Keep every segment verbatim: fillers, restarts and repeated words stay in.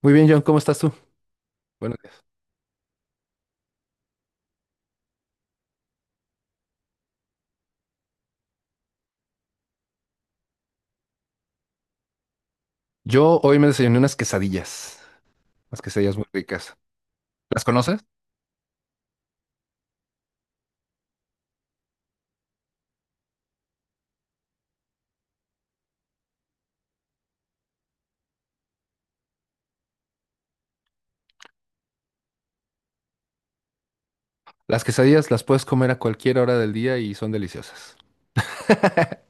Muy bien, John, ¿cómo estás tú? Bueno, yo hoy me desayuné unas quesadillas, unas quesadillas muy ricas. ¿Las conoces? Las quesadillas las puedes comer a cualquier hora del día y son deliciosas.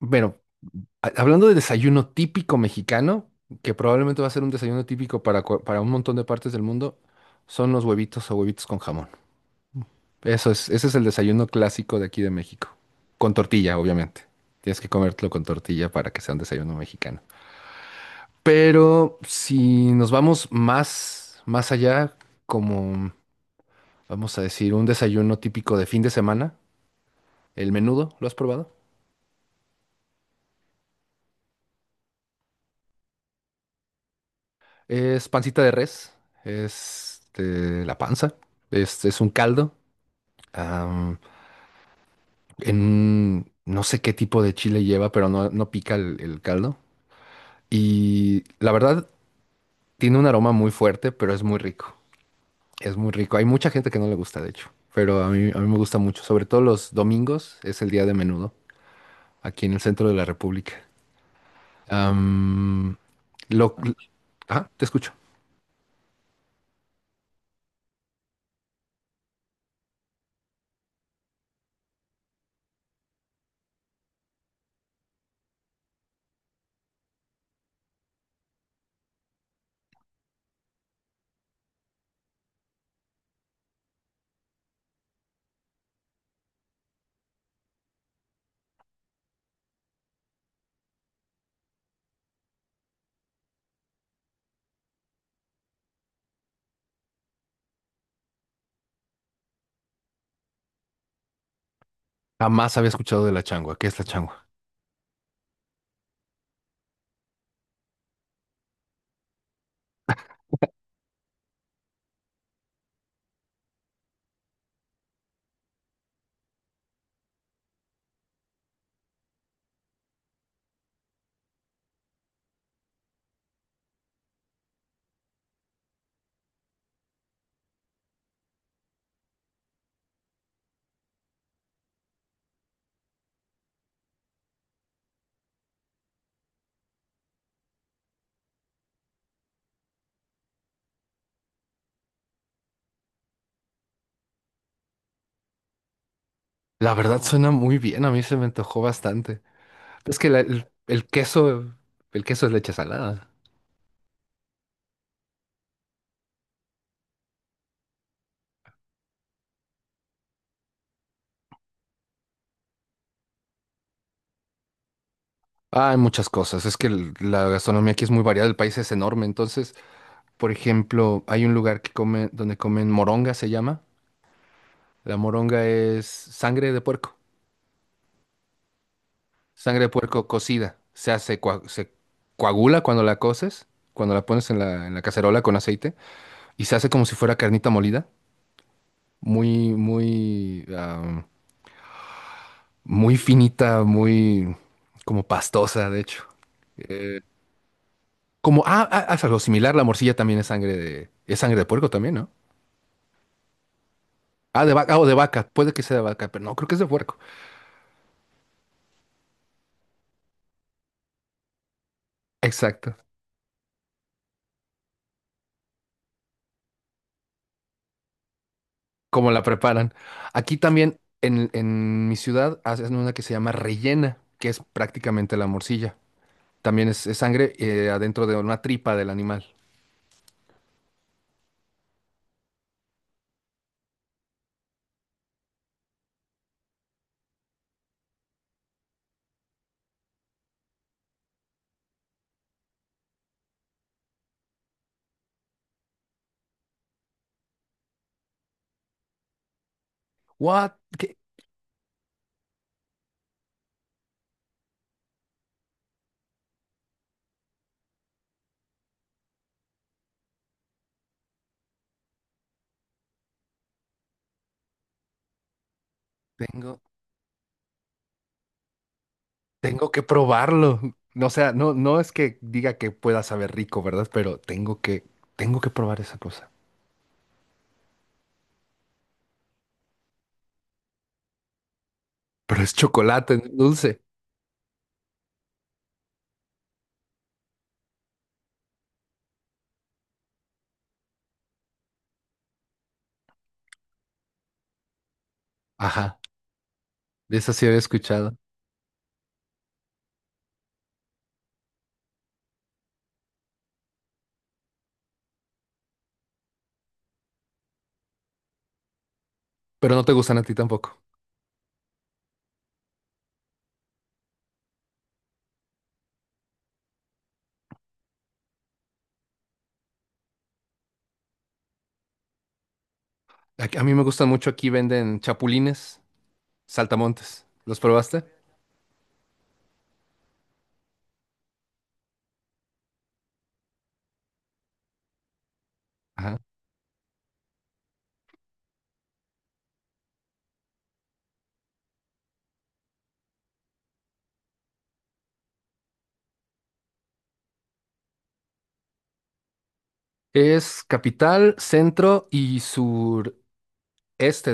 Bueno, ha- hablando de desayuno típico mexicano, que probablemente va a ser un desayuno típico para, cua- para un montón de partes del mundo, son los huevitos o huevitos con jamón. Eso es, ese es el desayuno clásico de aquí de México. Con tortilla, obviamente. Tienes que comértelo con tortilla para que sea un desayuno mexicano. Pero si nos vamos más, más allá, como vamos a decir, un desayuno típico de fin de semana, el menudo, ¿lo has probado? Es pancita de res, es este, la panza, es, es un caldo, am, en un- no sé qué tipo de chile lleva, pero no, no pica el, el caldo. Y la verdad, tiene un aroma muy fuerte, pero es muy rico, es muy rico. Hay mucha gente que no le gusta, de hecho, pero a mí, a mí me gusta mucho, sobre todo los domingos, es el día de menudo aquí en el centro de la República. Am, lo, ah, te escucho. Jamás había escuchado de la changua. ¿Qué es la changua? La verdad suena muy bien, a mí se me antojó bastante. Es que la- el, el queso, el queso es leche salada. Ah, hay muchas cosas. Es que el- la gastronomía aquí es muy variada, el país es enorme. Entonces, por ejemplo, hay un lugar que come, donde comen moronga, se llama. La moronga es sangre de puerco. Sangre de puerco cocida. O sea, se, cua- se coagula cuando la coces, cuando la pones en la, en la cacerola con aceite, y se hace como si fuera carnita molida. Muy, muy, am, muy finita, muy como pastosa, de hecho. Como, ah, ah, haz algo similar, la morcilla también es sangre de, es sangre de puerco también, ¿no? Ah, de vaca, o de vaca, puede que sea de vaca, pero no, creo que es de puerco. Exacto, como la preparan. Aquí también, en, en mi ciudad, hacen una que se llama rellena, que es prácticamente la morcilla. También es, es sangre eh, adentro de una tripa del animal. What? ¿Qué? Tengo, tengo que probarlo. No, o sea, no, no es que diga que pueda saber rico, ¿verdad? Pero tengo que, tengo que probar esa cosa. Pero es chocolate, no es dulce. Ajá, de esa sí había escuchado. Pero no te gustan a ti tampoco. A, a mí me gustan mucho. Aquí venden chapulines, saltamontes. ¿Los probaste? Ajá. Es capital, centro y sureste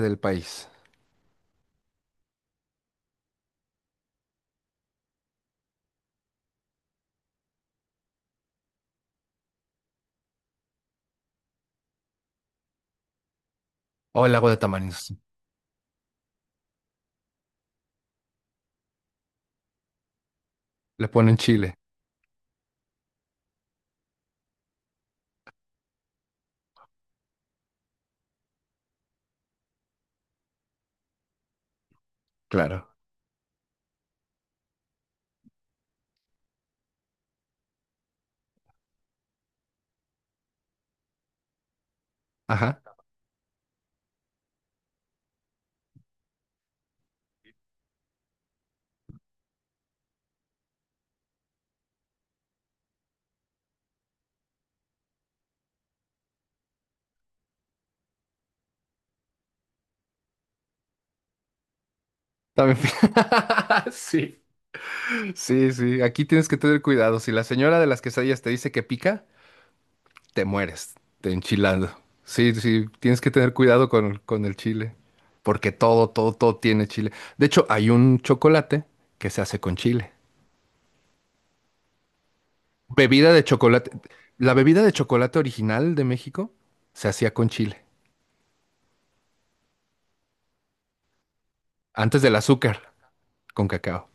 del país. O el lago de Tamarindos. Le ponen chile. Claro. Ajá. También. Sí, sí, sí. Aquí tienes que tener cuidado. Si la señora de las quesadillas te dice que pica, te mueres, te enchilando. Sí, sí, tienes que tener cuidado con, con el chile. Porque todo, todo, todo tiene chile. De hecho, hay un chocolate que se hace con chile. Bebida de chocolate. La bebida de chocolate original de México se hacía con chile. Antes del azúcar, con cacao.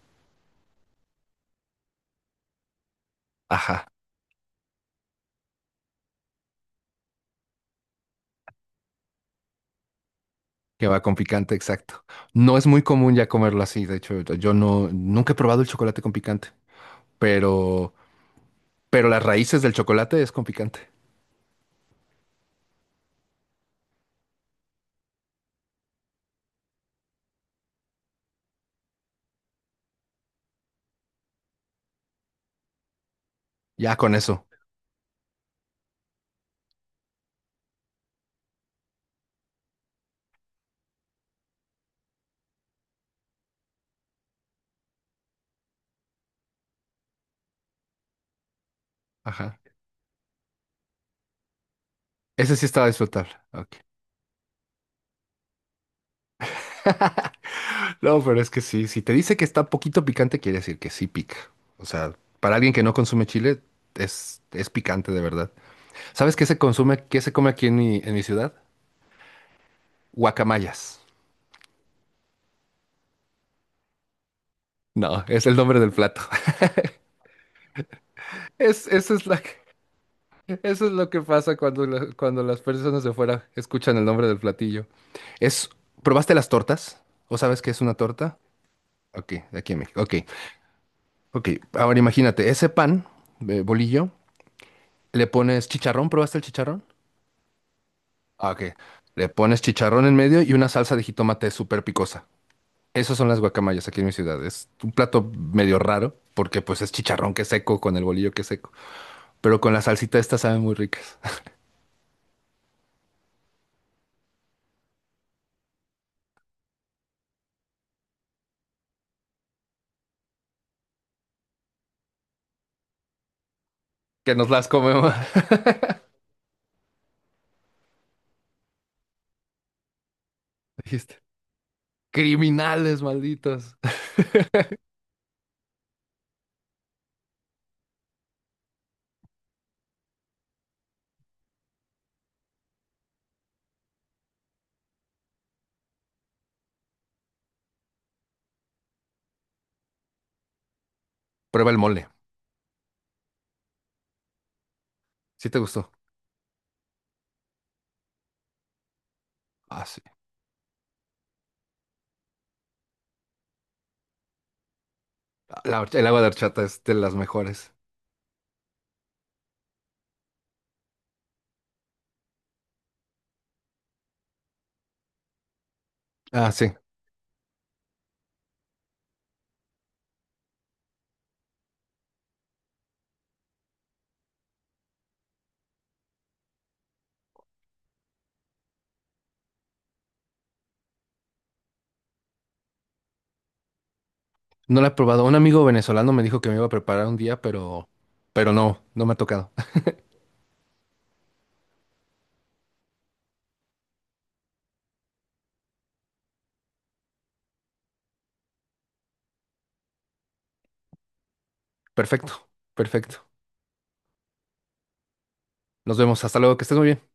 Ajá. Que va con picante, exacto. No es muy común ya comerlo así, de hecho, yo no, nunca he probado el chocolate con picante, pero, pero las raíces del chocolate es con picante. Ya con eso. Ajá. Ese sí estaba disfrutable. Ok. No, pero es que sí, si te dice que está poquito picante, quiere decir que sí pica. O sea, para alguien que no consume chile, es, es picante de verdad. ¿Sabes qué se consume, qué se come aquí en mi, en mi ciudad? Guacamayas. No, es el nombre del plato. Es, esa es la. Eso es lo que pasa cuando, la- cuando las personas de fuera escuchan el nombre del platillo. Es, ¿probaste las tortas? ¿O sabes qué es una torta? Ok, de aquí en México. Ok, ok. Ahora imagínate, ese pan, eh, bolillo, le pones chicharrón. ¿Probaste el chicharrón? Ah, ok. Le pones chicharrón en medio y una salsa de jitomate súper picosa. Esas son las guacamayas aquí en mi ciudad. Es un plato medio raro porque pues es chicharrón que es seco con el bolillo que es seco. Pero con la salsita estas saben muy ricas. Que nos las comemos. Dijiste. Criminales, malditos. Prueba el mole. ¿Sí te gustó? Ah, sí. La horch- el agua de horchata es de las mejores. Ah, sí. No la he probado. Un amigo venezolano me dijo que me iba a preparar un día, pero, pero no, no me ha tocado. Perfecto, perfecto. Nos vemos. Hasta luego, que estés muy bien.